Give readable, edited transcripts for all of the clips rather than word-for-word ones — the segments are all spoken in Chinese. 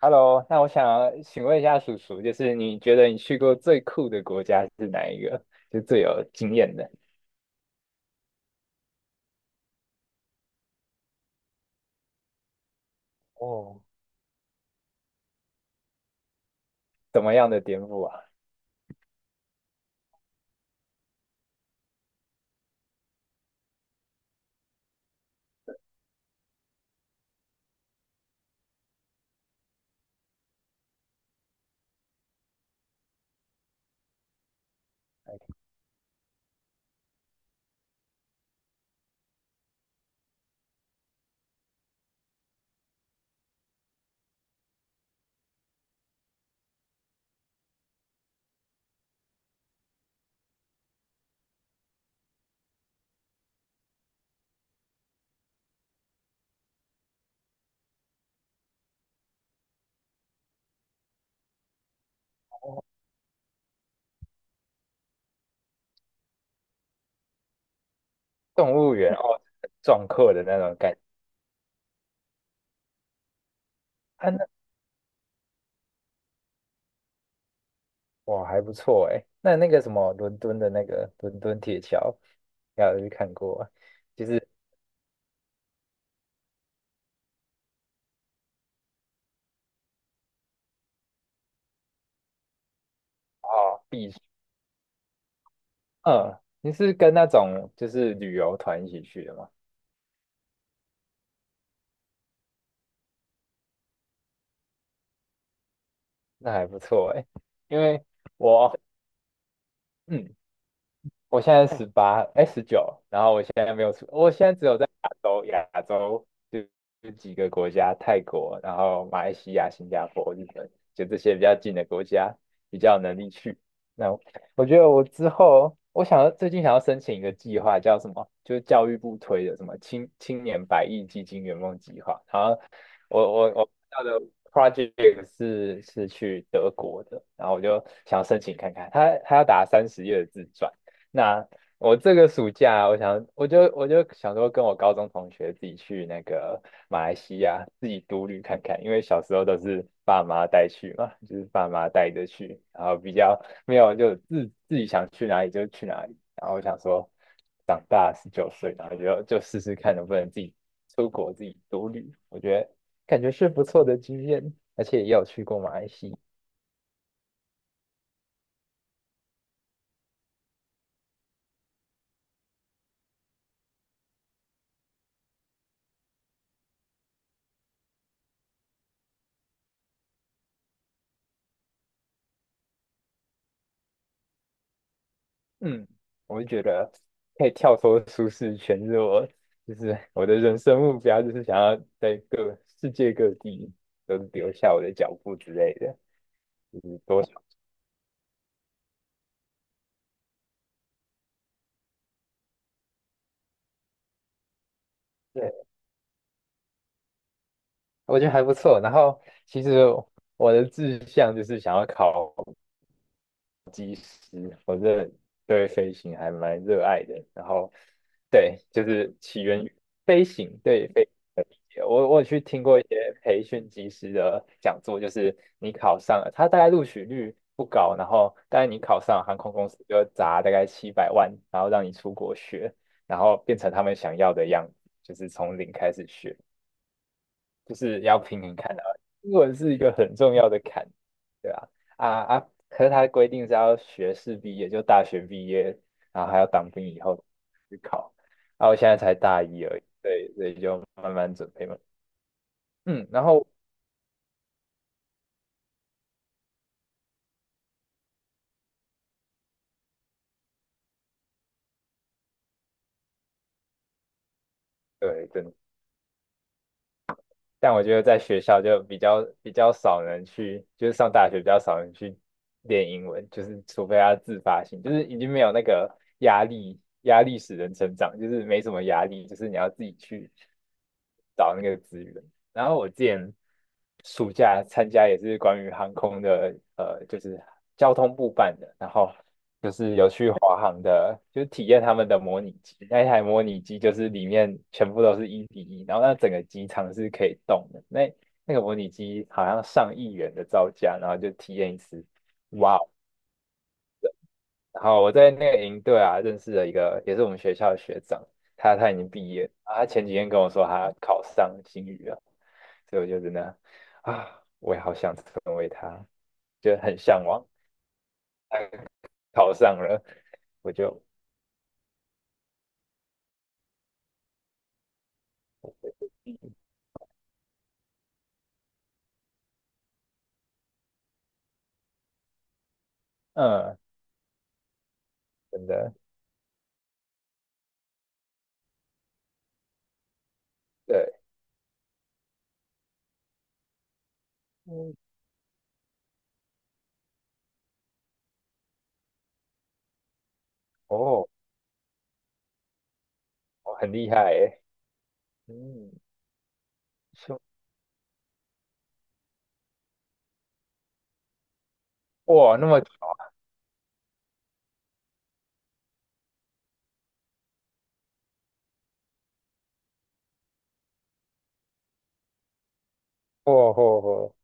OK，Hello，那我想请问一下叔叔，就是你觉得你去过最酷的国家是哪一个？就最有经验的，哦，怎么样的颠覆啊？哦，动物园哦，很壮阔的那种感觉，啊，那 哇还不错哎，那个什么伦敦的那个伦敦铁桥，要有去看过啊？哦，避暑，嗯，你是跟那种就是旅游团一起去的吗？那还不错哎，因为我，嗯，我现在18，哎，十九，然后我现在没有出，我现在只有在亚洲，亚洲就几个国家，泰国，然后马来西亚、新加坡、日本，就这些比较近的国家，比较有能力去。那我我觉得我之后，我想要最近想要申请一个计划，叫什么？就是教育部推的什么青年百亿基金圆梦计划。然后我看到的 project 是去德国的，然后我就想申请看看，他要打30页的自传。那我这个暑假，我想，我就想说，跟我高中同学自己去那个马来西亚自己独旅看看，因为小时候都是爸妈带去嘛，就是爸妈带着去，然后比较没有就自己想去哪里就去哪里，然后我想说，长大19岁，然后就试试看能不能自己出国自己独旅，我觉得感觉是不错的经验，而且也有去过马来西亚。嗯，我就觉得可以跳脱舒适圈，就是我的人生目标，就是想要在各世界各地都留下我的脚步之类的，就是多少，对，我觉得还不错。然后其实我的志向就是想要考。嗯我这对飞行还蛮热爱的。然后，对，就是起源于飞行对飞行的理解。我有去听过一些培训机师的讲座，就是你考上了，他大概录取率不高，然后但是你考上了航空公司就砸大概700万，然后让你出国学，然后变成他们想要的样子，就是从零开始学。就是要平衡看啊，英文是一个很重要的坎，对吧？啊啊，可是他规定是要学士毕业，就大学毕业，然后还要当兵以后去考。啊，我现在才大一而已，对，所以就慢慢准备嘛。嗯，然后对，真但我觉得在学校就比较少人去，就是上大学比较少人去练英文，就是除非他自发性，就是已经没有那个压力，压力使人成长，就是没什么压力，就是你要自己去找那个资源。然后我之前暑假参加也是关于航空的，就是交通部办的，然后就是有去华航的，就是体验他们的模拟机。那一台模拟机就是里面全部都是1:1，然后那整个机场是可以动的。那那个模拟机好像上亿元的造价，然后就体验一次，哇，然后我在那个营队啊，认识了一个也是我们学校的学长，他已经毕业了啊他前几天跟我说他考上新语了，所以我就真的啊，我也好想成为他，就很向往。考上了，我就嗯，真的对，嗯，哦，哦很厉害诶，嗯，是哇，那么，哦哦哦。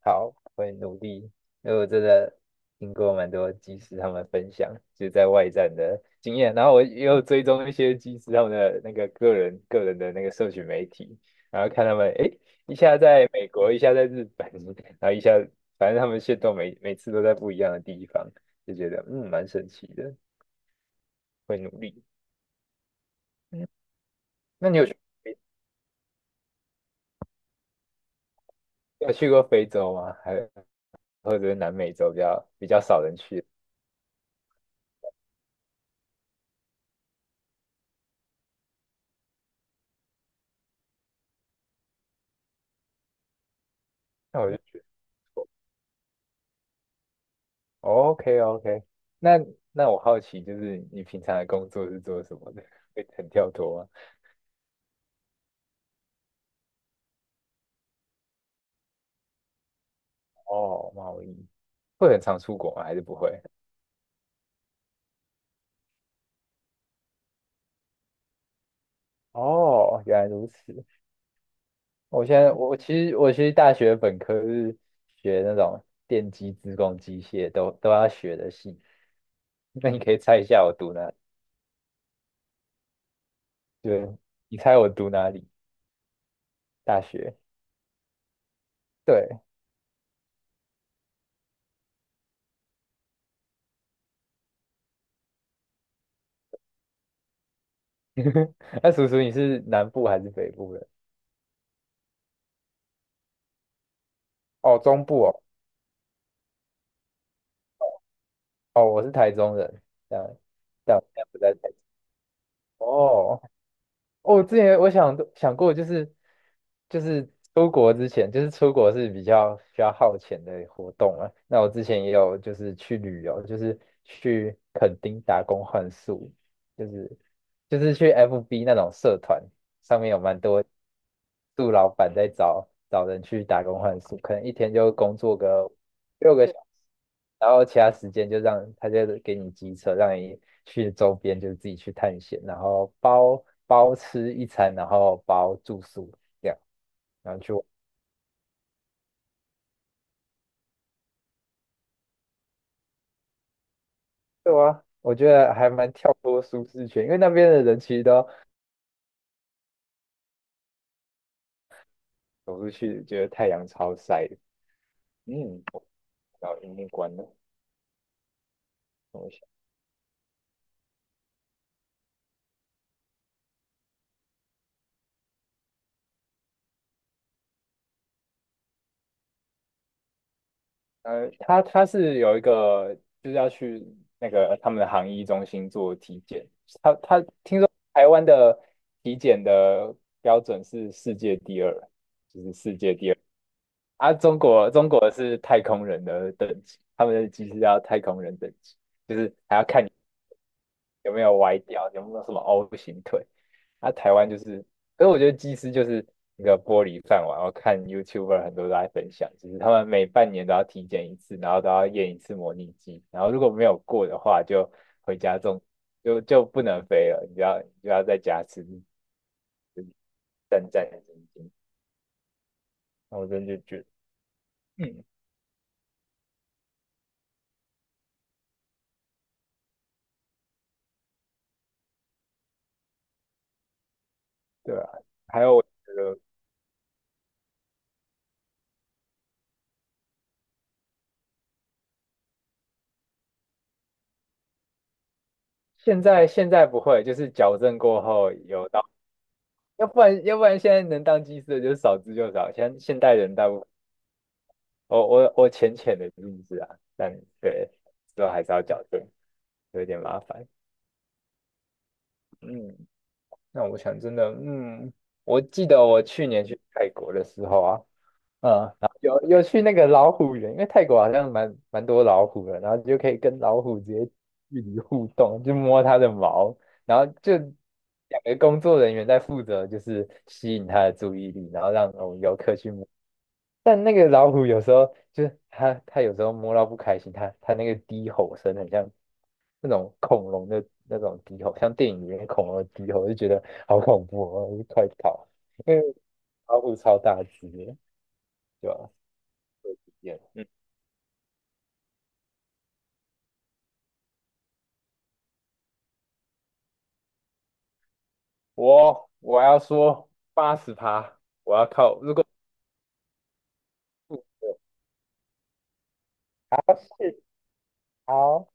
好，会努力。因为我真的听过蛮多技师他们分享，就在外站的经验，然后我也有追踪一些技师他们的那个个人的那个社群媒体，然后看他们，诶，一下在美国，一下在日本，然后一下，反正他们线都每次都在不一样的地方，就觉得嗯，蛮神奇的，会努力。嗯，那你有去有去过非洲吗？还或者是南美洲比较少人去？那我就觉得。OK OK，那那我好奇，就是你平常的工作是做什么的？会很跳脱吗？哦，贸易会很常出国吗？还是不会？哦，原来如此。我现在我其实大学本科是学那种电机、资工、机械都要学的系。那你可以猜一下我读哪？对，你猜我读哪里？大学。对，那叔叔你是南部还是北部人？哦，中部哦。哦，我是台中人，但但我现在不在台中。哦，哦我之前我想过，就是就是出国之前，就是出国是比较需要耗钱的活动啊。那我之前也有就是去旅游，就是去垦丁打工换宿，就是就是去 FB 那种社团上面有蛮多杜老板在找人去打工换宿，可能一天就工作个6个小时，然后其他时间就让他就给你机车，让你去周边，就是自己去探险，然后包吃一餐，然后包住宿这样，然后去玩。对啊，我觉得还蛮跳脱舒适圈，因为那边的人其实都走出去，觉得太阳超晒的。嗯，我到荧幕关了。我他是有一个就是要去那个他们的航医中心做体检，他他听说台湾的体检的标准是世界第二，就是世界第二啊，中国是太空人的等级，他们的机是要太空人等级。就是还要看。有没有歪掉，有没有什么 O 型腿。啊，台湾就是，所以我觉得技师就是一个玻璃饭碗。我看 YouTuber 很多都在分享，就是他们每半年都要体检一次，然后都要验一次模拟机，然后如果没有过的话，就回家种，就不能飞了，你就要在家吃战战兢兢。那我真的就觉得，嗯，对啊。还有我觉得现在不会，就是矫正过后有到，要不然现在能当技师的就是少之又少，现现代人大部我浅浅的认知啊，但对，之后还是要矫正，有一点麻烦。嗯，那我想真的，嗯，我记得我去年去泰国的时候啊，嗯，然后有有去那个老虎园，因为泰国好像蛮多老虎的，然后就可以跟老虎直接距离互动，就摸它的毛，然后就两个工作人员在负责就是吸引它的注意力，然后让我们游客去。但那个老虎有时候就是它，它有时候摸到不开心，它它那个低吼声很像那种恐龙的那种低吼，像电影里面恐龙的低吼，我就觉得好恐怖哦，我就快跑！因为老虎超大只的，对吧？也嗯，我我要说80趴，我要靠，如果啊是好。